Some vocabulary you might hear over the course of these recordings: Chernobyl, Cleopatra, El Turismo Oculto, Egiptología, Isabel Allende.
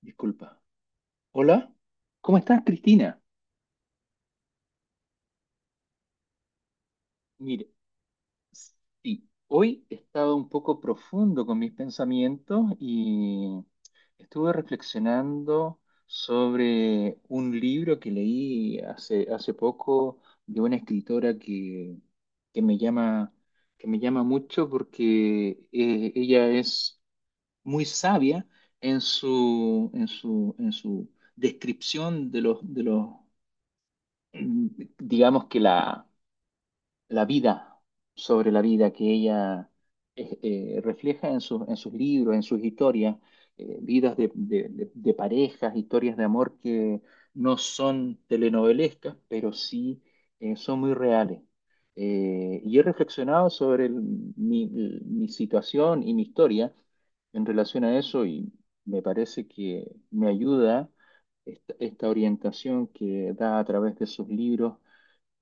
Disculpa. Hola, ¿cómo estás, Cristina? Mire, sí, hoy he estado un poco profundo con mis pensamientos y estuve reflexionando sobre un libro que leí hace poco de una escritora que me que me llama mucho porque ella es muy sabia en en su descripción de de los mm, digamos que la vida sobre la vida que ella eh, refleja en en sus libros, en sus historias, vidas de, de parejas, historias de amor que no son telenovelescas, pero sí son muy reales. Y he reflexionado sobre mi situación y mi historia en relación a eso, y me parece que me ayuda esta orientación que da a través de sus libros,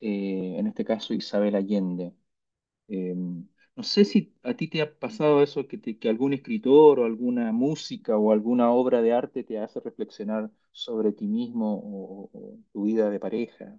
en este caso Isabel Allende. Eh, no sé si a ti te ha pasado eso, que algún escritor o alguna música o alguna obra de arte te hace reflexionar sobre ti mismo o tu vida de pareja.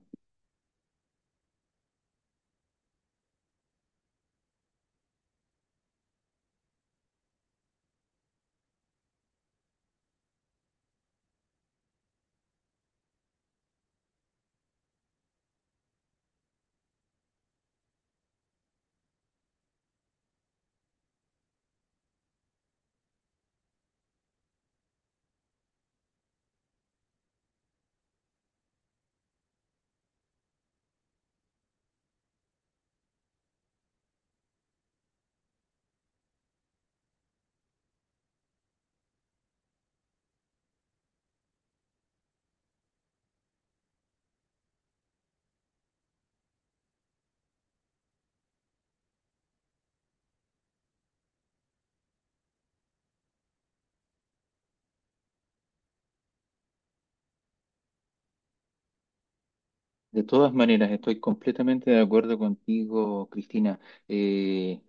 De todas maneras, estoy completamente de acuerdo contigo, Cristina. Eh,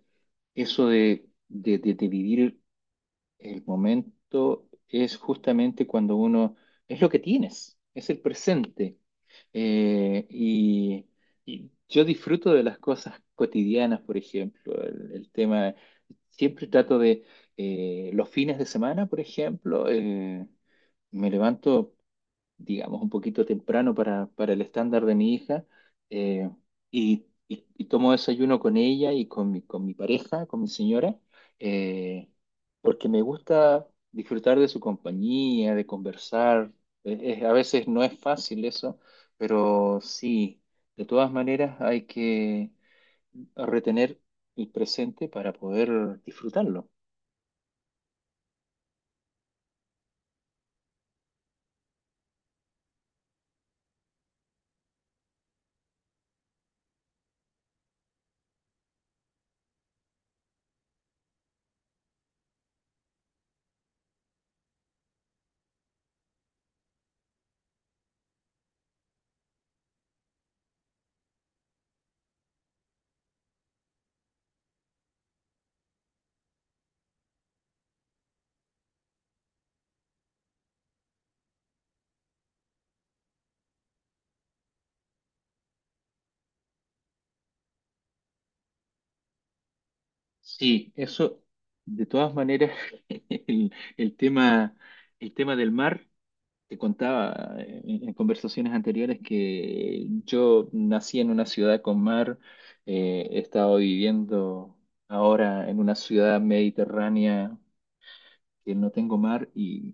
Eso de, de vivir el momento es justamente cuando uno, es lo que tienes, es el presente. Eh, y, y yo disfruto de las cosas cotidianas, por ejemplo, el tema, siempre trato de, los fines de semana, por ejemplo, me levanto, digamos, un poquito temprano para el estándar de mi hija, eh, y tomo desayuno con ella y con con mi pareja, con mi señora, eh, porque me gusta disfrutar de su compañía, de conversar. A veces no es fácil eso, pero sí, de todas maneras hay que retener el presente para poder disfrutarlo. Sí, eso, de todas maneras, el, el tema, el tema del mar. Te contaba en conversaciones anteriores que yo nací en una ciudad con mar. He estado viviendo ahora en una ciudad mediterránea que no tengo mar, y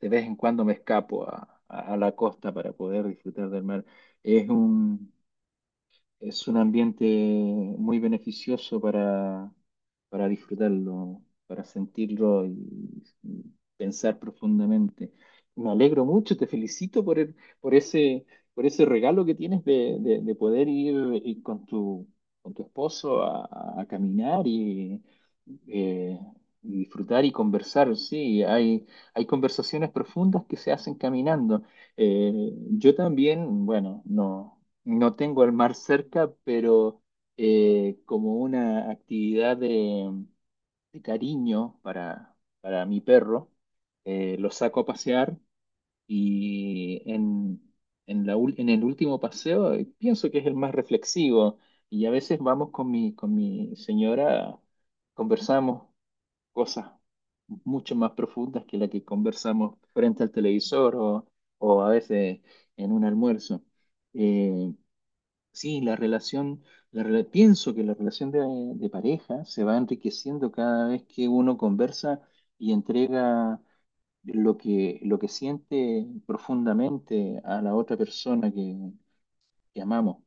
de vez en cuando me escapo a, a la costa para poder disfrutar del mar. Es un, es un ambiente muy beneficioso para disfrutarlo, para sentirlo y pensar profundamente. Me alegro mucho, te felicito por ese, por ese regalo que tienes de, de poder ir, ir con con tu esposo a caminar eh, y disfrutar y conversar. Sí, hay conversaciones profundas que se hacen caminando. Eh, yo también, bueno, no. No tengo el mar cerca, pero, como una actividad de cariño para mi perro, lo saco a pasear y en la en el último paseo, pienso que es el más reflexivo, y a veces vamos con con mi señora, conversamos cosas mucho más profundas que la que conversamos frente al televisor, o a veces en un almuerzo. Eh, Sí, la pienso que la relación de pareja se va enriqueciendo cada vez que uno conversa y entrega lo lo que siente profundamente a la otra persona que amamos.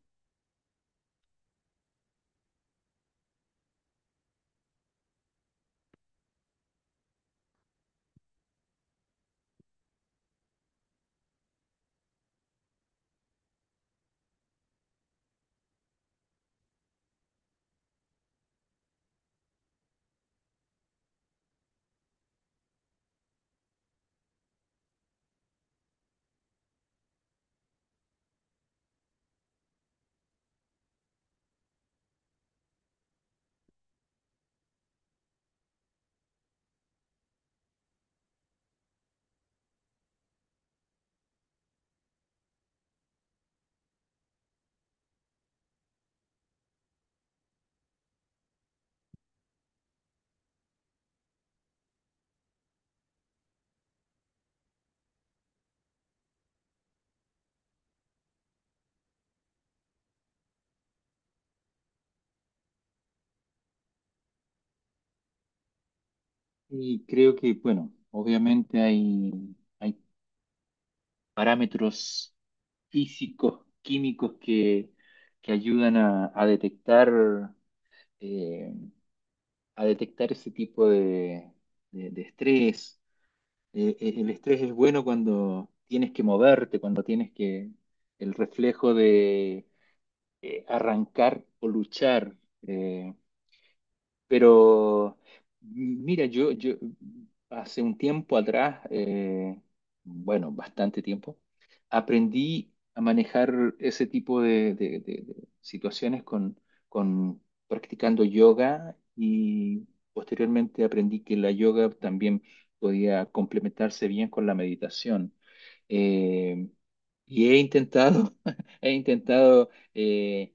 Y creo que, bueno, obviamente hay parámetros físicos, químicos que ayudan eh, a detectar ese tipo de, de estrés. El estrés es bueno cuando tienes que moverte, cuando tienes que, el reflejo de, arrancar o luchar. eh, pero mira, yo hace un tiempo atrás, bueno, bastante tiempo, aprendí a manejar ese tipo de, de situaciones con practicando yoga, y posteriormente aprendí que la yoga también podía complementarse bien con la meditación. Eh, y he intentado, he intentado,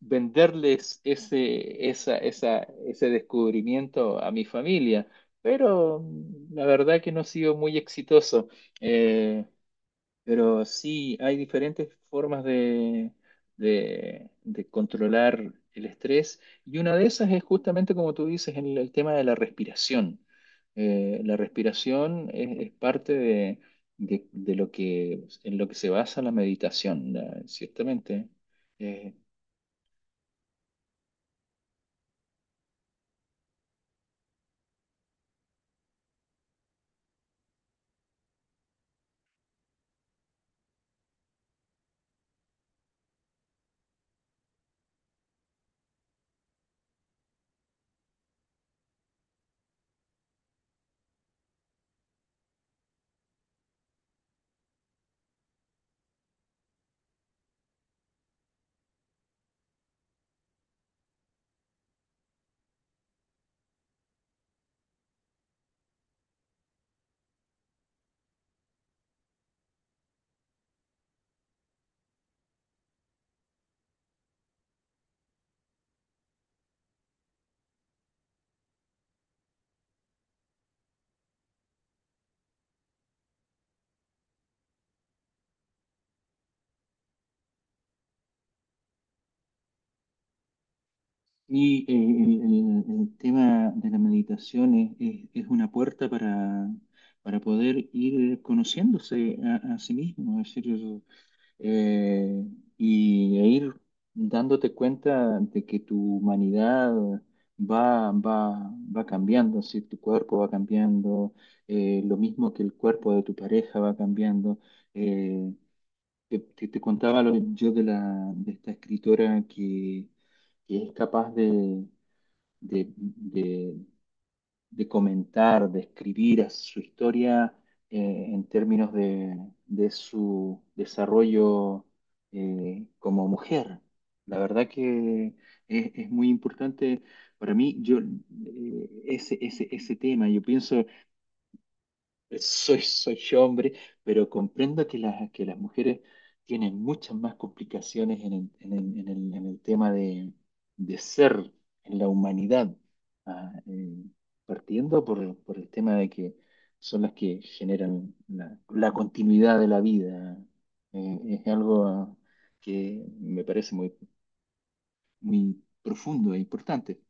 venderles ese descubrimiento a mi familia, pero la verdad que no ha sido muy exitoso. Eh, pero sí, hay diferentes formas de, de controlar el estrés, y una de esas es justamente como tú dices, en el tema de la respiración. La respiración es parte de, de lo que, en lo que se basa la meditación, ciertamente. Eh, el tema de la meditación es, es una puerta para poder ir conociéndose a sí mismo. Es decir, eh, y e ir dándote cuenta de que tu humanidad va, va cambiando, si tu cuerpo va cambiando, lo mismo que el cuerpo de tu pareja va cambiando. Eh, Te contaba yo de esta escritora que es capaz de, de, de comentar, de escribir su historia, en términos de su desarrollo, como mujer. La verdad que es muy importante para mí. Yo, ese, ese tema, yo pienso, soy hombre, pero comprendo que que las mujeres tienen muchas más complicaciones en en el tema de ser, en la humanidad. Ah, eh, Partiendo por el tema de que son las que generan la continuidad de la vida. Es algo, que me parece muy, muy profundo e importante.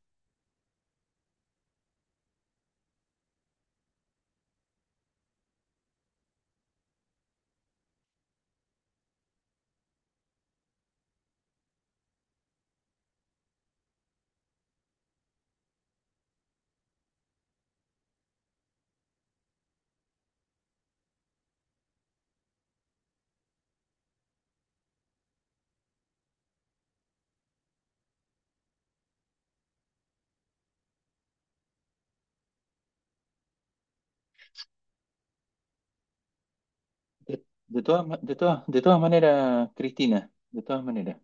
De todas maneras, Cristina, de todas maneras.